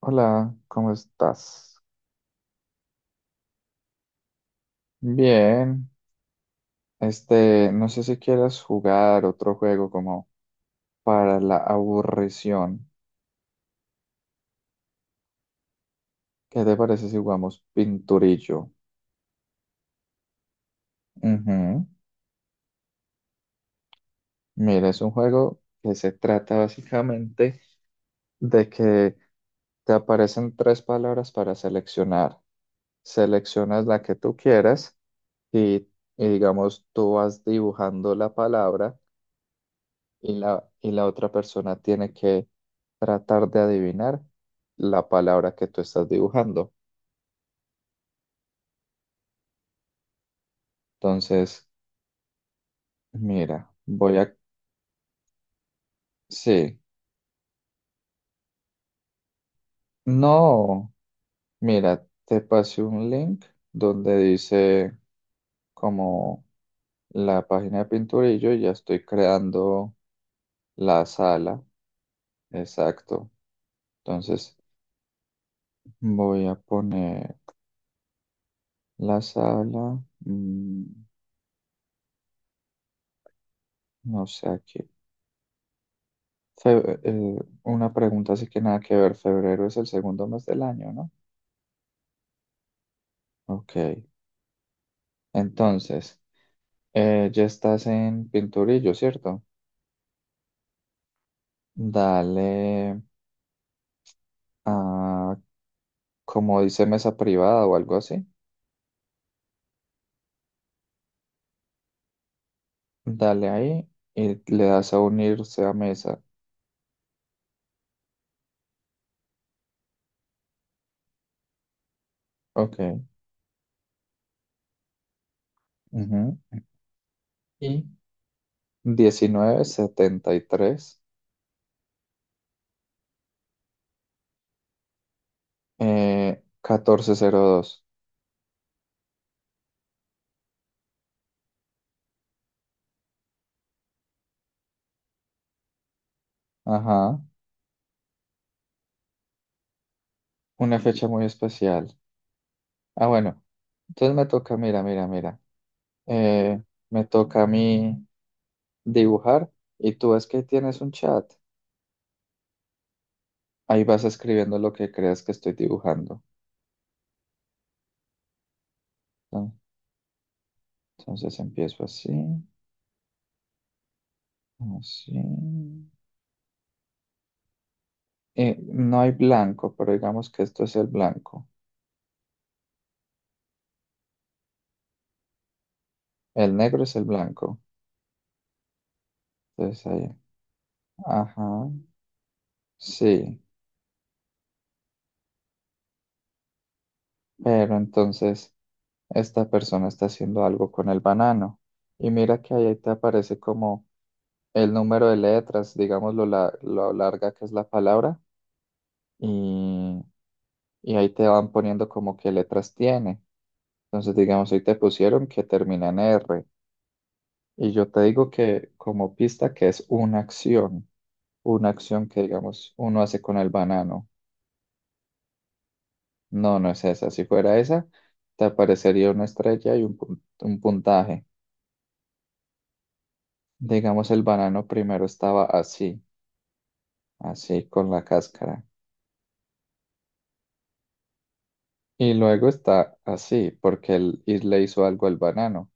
Hola, ¿cómo estás? Bien. Este, no sé si quieras jugar otro juego como para la aburrición. ¿Qué te parece si jugamos Pinturillo? Ujú. Mira, es un juego que se trata básicamente de que te aparecen tres palabras para seleccionar. Seleccionas la que tú quieras y, y digamos, tú vas dibujando la palabra y la otra persona tiene que tratar de adivinar la palabra que tú estás dibujando. Entonces, mira, voy a... Sí, no, mira, te pasé un link donde dice como la página de pintura y yo ya estoy creando la sala. Exacto. Entonces, voy a poner la sala, no sé aquí. Fe- eh, una pregunta así que nada que ver. Febrero es el segundo mes del año, ¿no? Ok. Entonces, ya estás en Pinturillo, ¿cierto? Dale a, como dice mesa privada o algo así. Dale ahí y le das a unirse a mesa. Ok. Ujú. Y 1973, 1402. Ajá. Una fecha muy especial. Ah, bueno. Entonces me toca, mira, mira, mira. eh, Me toca a mí dibujar y tú ves que tienes un chat. Ahí vas escribiendo lo que creas que estoy dibujando. ¿No? Entonces empiezo así, así. No hay blanco, pero digamos que esto es el blanco. El negro es el blanco. Entonces ahí, ajá, sí. Pero entonces esta persona está haciendo algo con el banano. Y mira que ahí te aparece como el número de letras, digamos lo, lo larga que es la palabra y, y ahí te van poniendo como qué letras tiene. Entonces, digamos, ahí te pusieron que termina en R y yo te digo que como pista que es una acción que, digamos, uno hace con el banano. No, no es esa. Si fuera esa, te aparecería una estrella y un puntaje. Digamos, el banano primero estaba así, así con la cáscara. Y luego está así, porque él y le hizo algo al banano.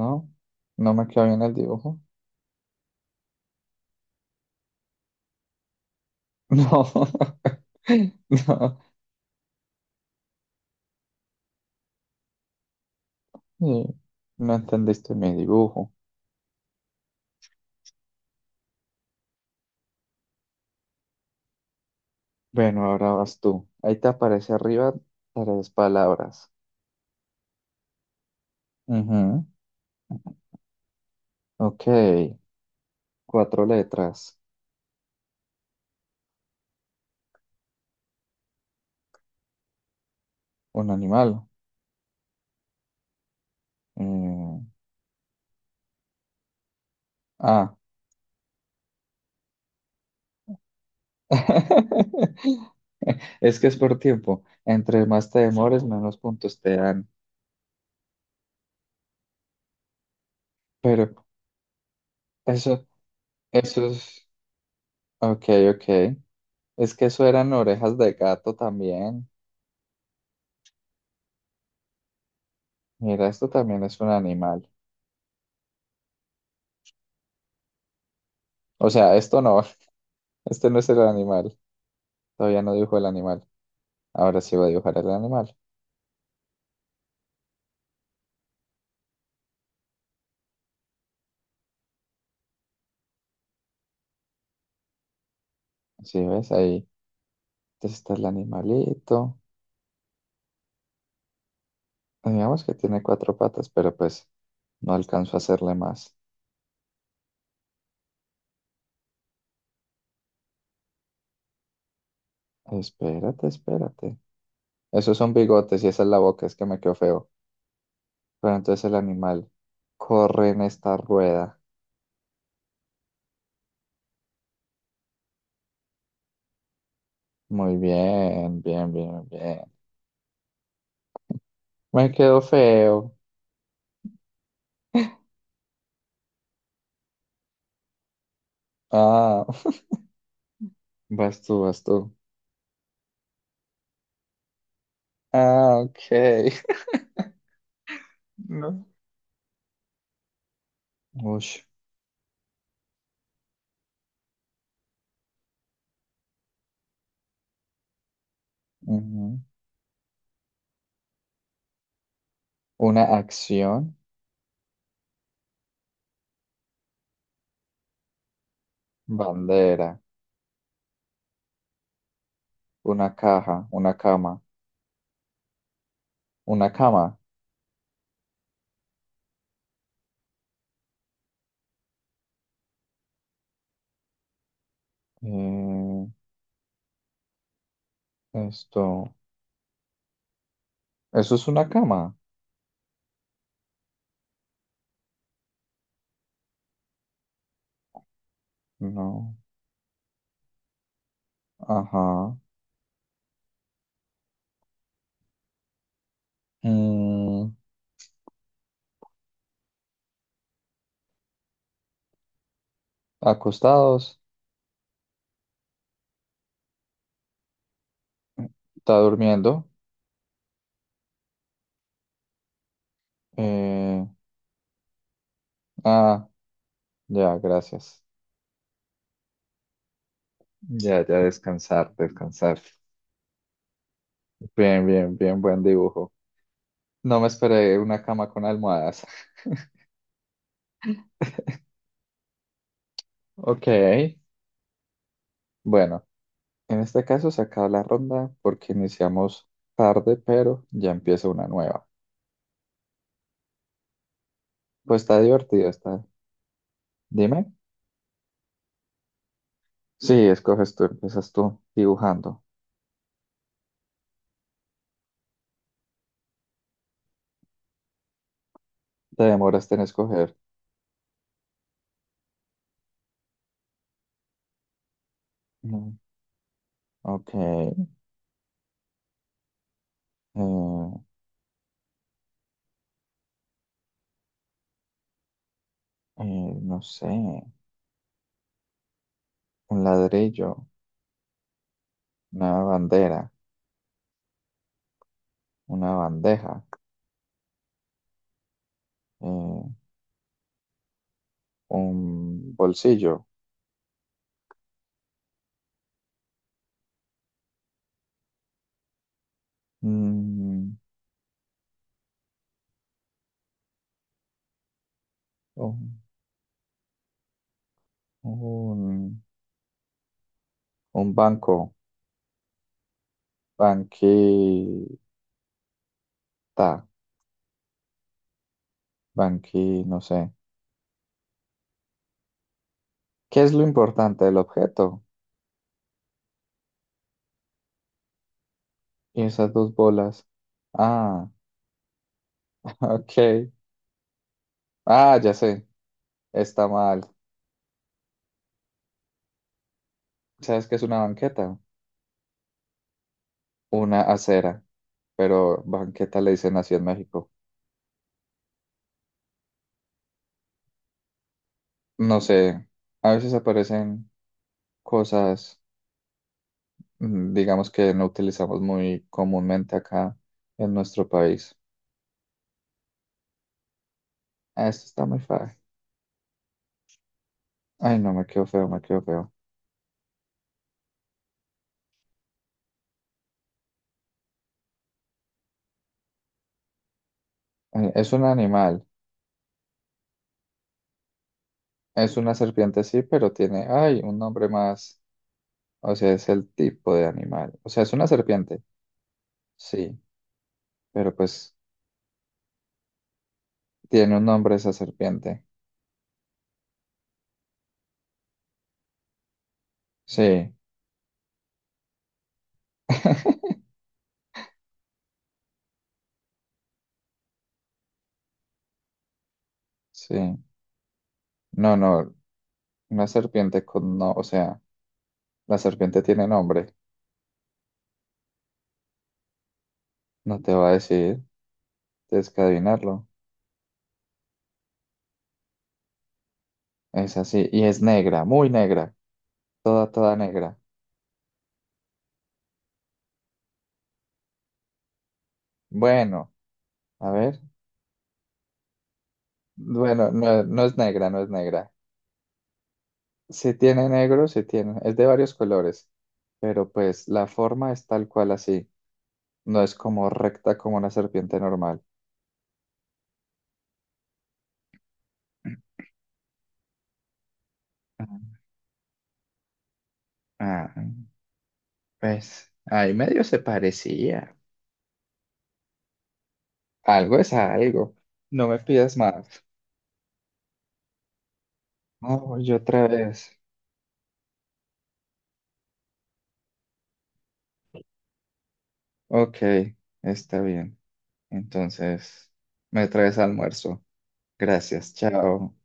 No, no me quedó bien el dibujo. No, no, eh, no entendiste mi dibujo. Bueno, ahora vas tú. Ahí te aparece arriba tres palabras. Ujú. Ok, cuatro letras. Un animal. Mm, ah. Es que es por tiempo. Entre más te demores, menos puntos te dan. Pero eso, eso es... Ok, ok. Es que eso eran orejas de gato también. Mira, esto también es un animal. O sea, esto no, este no es el animal. Todavía no dibujo el animal. Ahora sí voy a dibujar el animal. Sí, ¿ves? Ahí entonces está el animalito. Digamos que tiene cuatro patas, pero pues no alcanzo a hacerle más. Espérate, espérate. Esos son bigotes y esa es la boca, es que me quedó feo. Pero entonces el animal corre en esta rueda. Muy bien, bien, bien, bien. Me quedó feo. Ah, vas tú, vas tú. Ah, ok. No. Uy. Ujú. Una acción, bandera, una caja, una cama, una cama. Eh, esto, ¿eso es una cama? No. Ajá. Mm, acostados, está durmiendo. Eh, ah, ya, gracias. Ya, ya, descansar, descansar. Bien, bien, bien, buen dibujo. No me esperé una cama con almohadas. Ok, bueno. En este caso se acaba la ronda porque iniciamos tarde, pero ya empieza una nueva. Pues está divertido, está. Dime. Sí, escoges tú, empiezas tú dibujando. Te demoraste en escoger. Mm, ok. Eh, no sé. Un ladrillo, una bandera, una bandeja, eh, un bolsillo, mm, un, un, un banco, banquita, banqui, no sé. ¿Qué es lo importante del objeto? Y esas dos bolas. Ah, ok. Ah, ya sé. Está mal. ¿Sabes qué es una banqueta? Una acera. Pero banqueta le dicen así en México. No sé. A veces aparecen cosas, digamos que no utilizamos muy comúnmente acá en nuestro país. Ah, esto está muy fácil. Ay, no, me quedo feo, me quedo feo. Ay, es un animal. Es una serpiente, sí, pero tiene, ay, un nombre más. O sea, es el tipo de animal. O sea, es una serpiente. Sí, pero pues tiene un nombre esa serpiente. Sí, sí. No, no, una serpiente con no, o sea, la serpiente tiene nombre. No te va a decir, tienes que adivinarlo. Es así. Y es negra, muy negra. Toda, toda negra. Bueno, a ver. Bueno, no, no es negra, no es negra. Sí tiene negro, sí tiene. Es de varios colores, pero pues la forma es tal cual así. No es como recta como una serpiente normal. Ah, pues ahí medio se parecía. Algo es algo. No me pidas más. Oh, yo otra vez. Ok, está bien. Entonces, me traes almuerzo. Gracias, chao.